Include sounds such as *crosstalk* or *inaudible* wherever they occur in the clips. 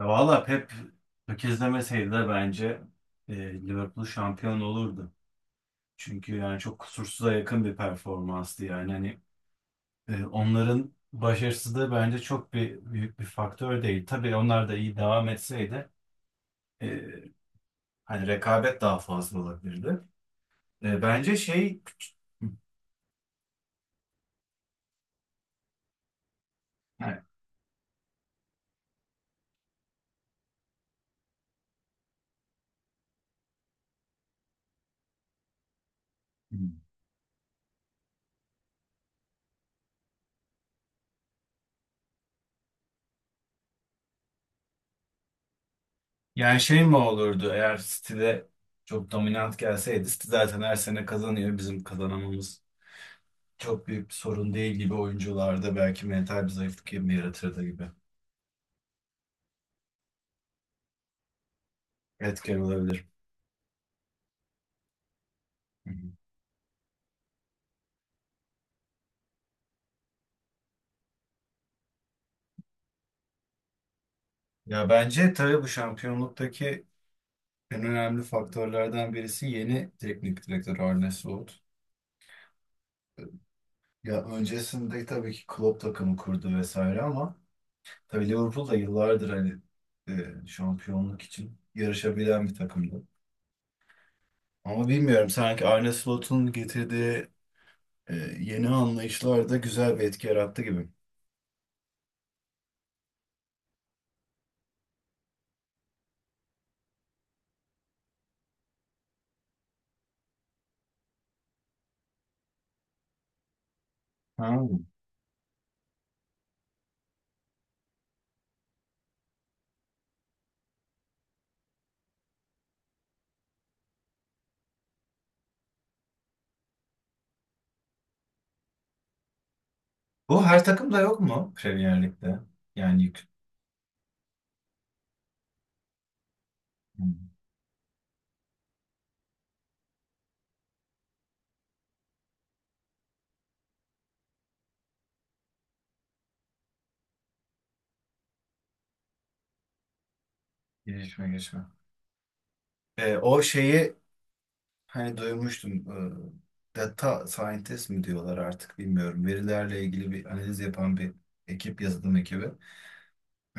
Ya valla Pep tökezlemeseydi de bence Liverpool şampiyon olurdu. Çünkü yani çok kusursuza yakın bir performanstı yani. Hani onların başarısızlığı bence çok bir büyük bir faktör değil. Tabii onlar da iyi devam etseydi e, hani rekabet daha fazla olabilirdi. Bence yani şey mi olurdu eğer City'de çok dominant gelseydi? City zaten her sene kazanıyor, bizim kazanamamız çok büyük bir sorun değil gibi, oyuncularda belki mental bir zayıflık gibi yaratırdı gibi. Etken olabilir. Hı hı. Ya bence tabii bu şampiyonluktaki en önemli faktörlerden birisi yeni teknik direktör Arne Slot. Ya öncesinde tabii ki Klopp takımı kurdu vesaire ama tabii Liverpool da yıllardır hani şampiyonluk için yarışabilen bir takımdı. Ama bilmiyorum, sanki Arne Slot'un getirdiği e, yeni anlayışlar da güzel bir etki yarattı gibi. Ha. Bu her takımda yok mu Premier Lig'de? Yani yük, Hmm. gelişme geçme. O şeyi hani duymuştum. Data scientist mi diyorlar artık bilmiyorum. Verilerle ilgili bir analiz yapan bir ekip, yazılım ekibi.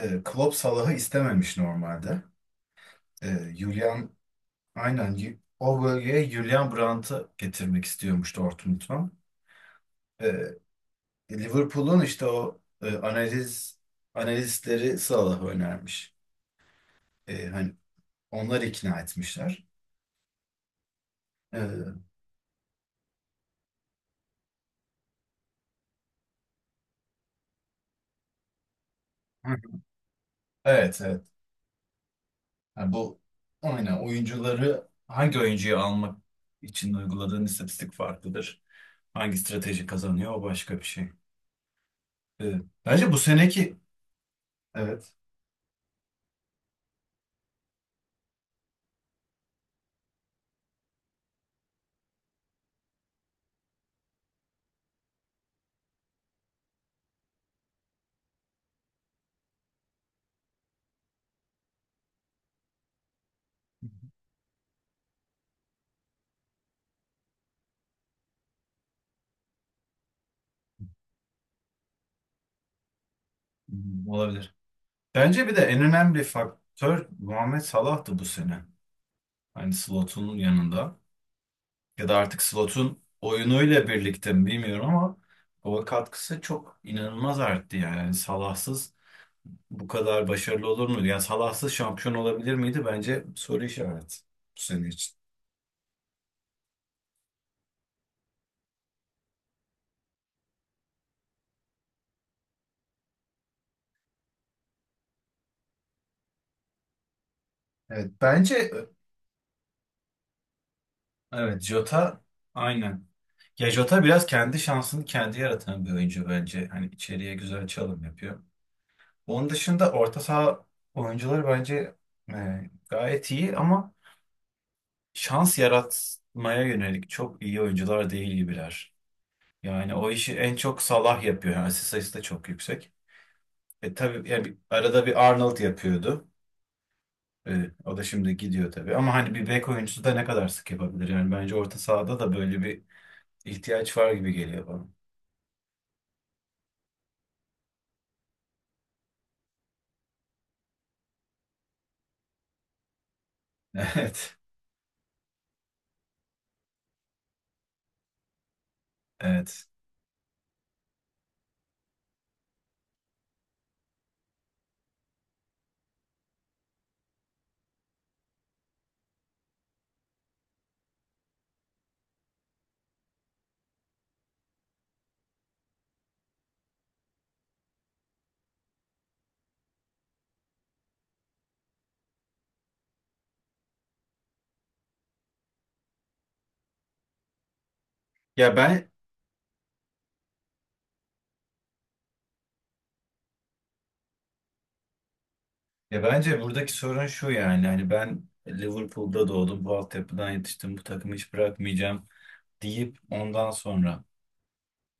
Klopp Salah'ı istememiş normalde. Ee, Julian O bölgeye Julian Brandt'ı getirmek istiyormuş Dortmund'dan. Ee, Liverpool'un işte o e, analiz analistleri Salah'ı önermiş. Hani onlar ikna etmişler. Ee, Hı. Evet, evet. Yani bu aynen, hangi oyuncuyu almak için uyguladığın istatistik farklıdır. Hangi strateji kazanıyor, o başka bir şey. Ee, bence bu seneki evet Hmm, olabilir. Bence bir de en önemli faktör Muhammed Salah'tı bu sene. Hani Slot'un yanında ya da artık Slot'un oyunuyla birlikte mi bilmiyorum ama o katkısı çok inanılmaz arttı yani. Yani Salah'sız bu kadar başarılı olur muydu? Yani Salahsız şampiyon olabilir miydi? Bence soru işareti bu sene için. Evet, bence evet, Jota aynen. Ya Jota biraz kendi şansını kendi yaratan bir oyuncu bence. Hani içeriye güzel çalım yapıyor. Onun dışında orta saha oyuncuları bence e, gayet iyi ama şans yaratmaya yönelik çok iyi oyuncular değil gibiler. Yani o işi en çok Salah yapıyor. Yani asist sayısı da çok yüksek. E tabii yani arada bir Arnold yapıyordu. Evet, o da şimdi gidiyor tabii. Ama hani bir bek oyuncusu da ne kadar sık yapabilir? Yani bence orta sahada da böyle bir ihtiyaç var gibi geliyor bana. *laughs* Evet. Evet. Ya ben Ya bence buradaki sorun şu, yani hani ben Liverpool'da doğdum, bu altyapıdan yetiştim, bu takımı hiç bırakmayacağım deyip ondan sonra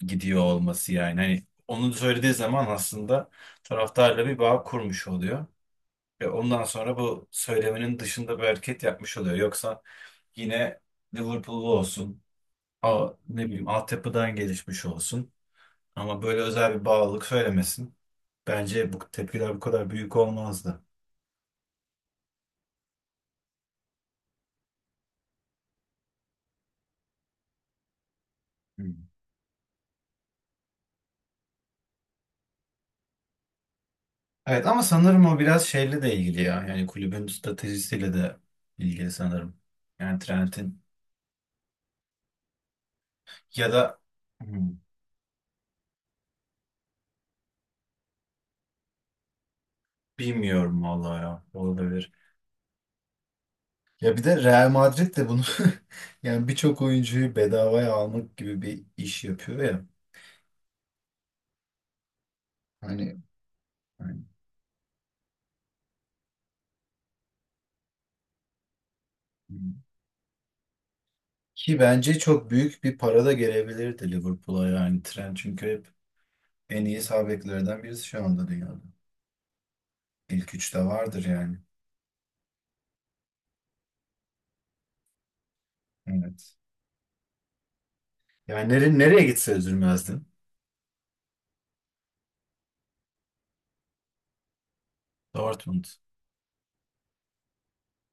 gidiyor olması yani. Hani onu söylediği zaman aslında taraftarla bir bağ kurmuş oluyor. Ve ondan sonra bu söylemenin dışında bir hareket yapmış oluyor. Yoksa yine Liverpool'lu olsun, ne bileyim altyapıdan gelişmiş olsun. Ama böyle özel bir bağlılık söylemesin. Bence bu tepkiler bu kadar büyük olmazdı. Hmm. Evet, ama sanırım o biraz şeyle de ilgili ya. Yani kulübün stratejisiyle de ilgili sanırım. Yani Trent'in ya da Hmm, bilmiyorum vallahi ya, olabilir. Ya bir de Real Madrid de bunu *laughs* yani birçok oyuncuyu bedavaya almak gibi bir iş yapıyor ya. Hani Yani Ki bence çok büyük bir para da gelebilirdi Liverpool'a, yani Trent çünkü hep en iyi sağ beklerden birisi şu anda dünyada. İlk üçte vardır yani. Evet. Yani nereye gitse üzülmezdim. Dortmund.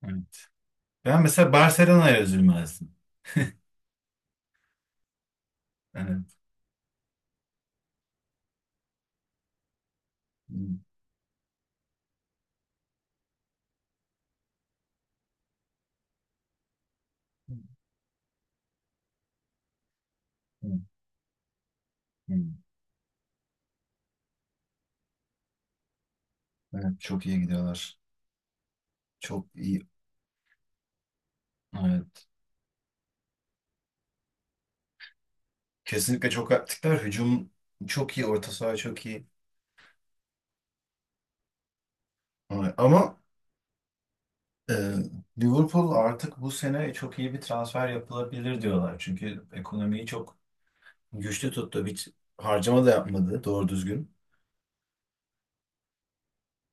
Evet. Ben mesela Barcelona'ya üzülmezdim. Evet. Hı, hı, hı. Evet, çok iyi gidiyorlar. Çok iyi. Evet. Kesinlikle çok aktifler. Hücum çok iyi. Orta saha çok iyi. Evet. Ama Ee, Liverpool artık bu sene çok iyi bir transfer yapılabilir diyorlar. Çünkü ekonomiyi çok güçlü tuttu. Hiç harcama da yapmadı doğru düzgün.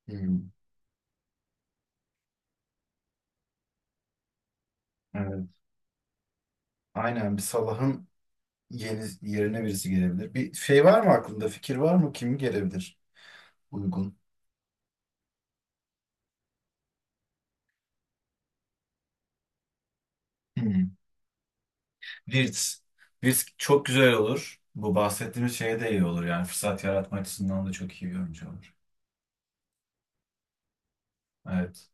Hmm. Evet. Aynen, Salah'ın yerine birisi gelebilir. Bir şey var mı aklında? Fikir var mı? Kim gelebilir uygun? Hmm. Wirtz. Wirtz çok güzel olur. Bu bahsettiğimiz şeye de iyi olur. Yani fırsat yaratma açısından da çok iyi bir oyuncu olur. Evet.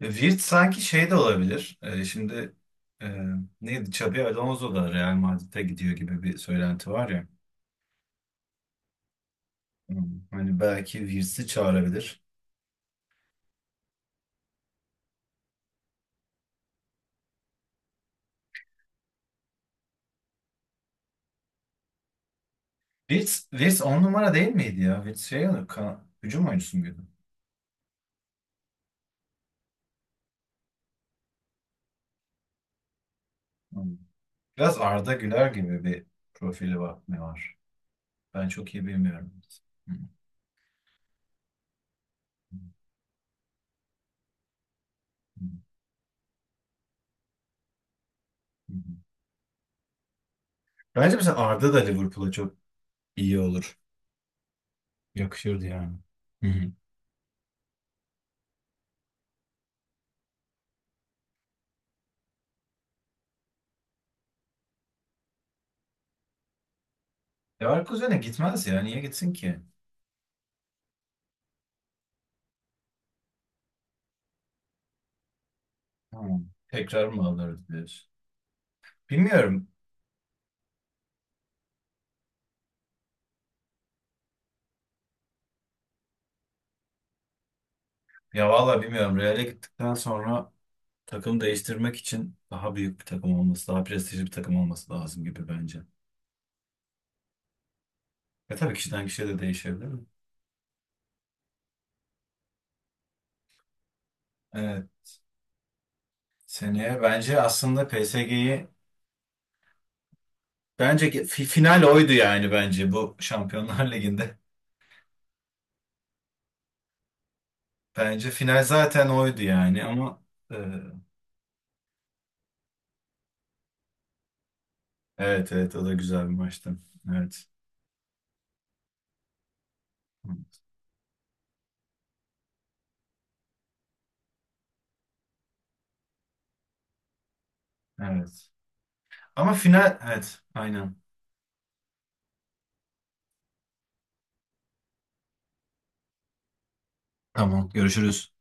Virt sanki şey de olabilir. E, neydi? Xabi Alonso da Real Madrid'e gidiyor gibi bir söylenti var ya. Hmm, hani belki Virts'i çağırabilir. Virts on numara değil miydi ya? Virts hücum oyuncusu muydu? Hmm. Biraz Arda Güler gibi bir profili var, ne var? Ben çok iyi bilmiyorum. Hmm, hmm, hmm, hmm. hmm. Bence mesela Arda da Liverpool'a çok iyi olur. Yakışırdı yani. Hı hı. Leverkusen'e gitmez ya. Niye gitsin ki? Hmm. Tekrar mı alırız diyorsun? Bilmiyorum. Ya valla bilmiyorum. Real'e gittikten sonra takım değiştirmek için daha büyük bir takım olması, daha prestijli bir takım olması lazım gibi bence. Ve tabii kişiden kişiye de değişebilir mi? Evet. Seneye bence aslında PSG'yi bence ki- fi- final oydu yani bence, bu Şampiyonlar *laughs* Ligi'nde. Bence final zaten oydu yani ama e, evet, evet, o da güzel bir maçtı. Evet. Evet. Ama final, evet, aynen. Tamam, görüşürüz.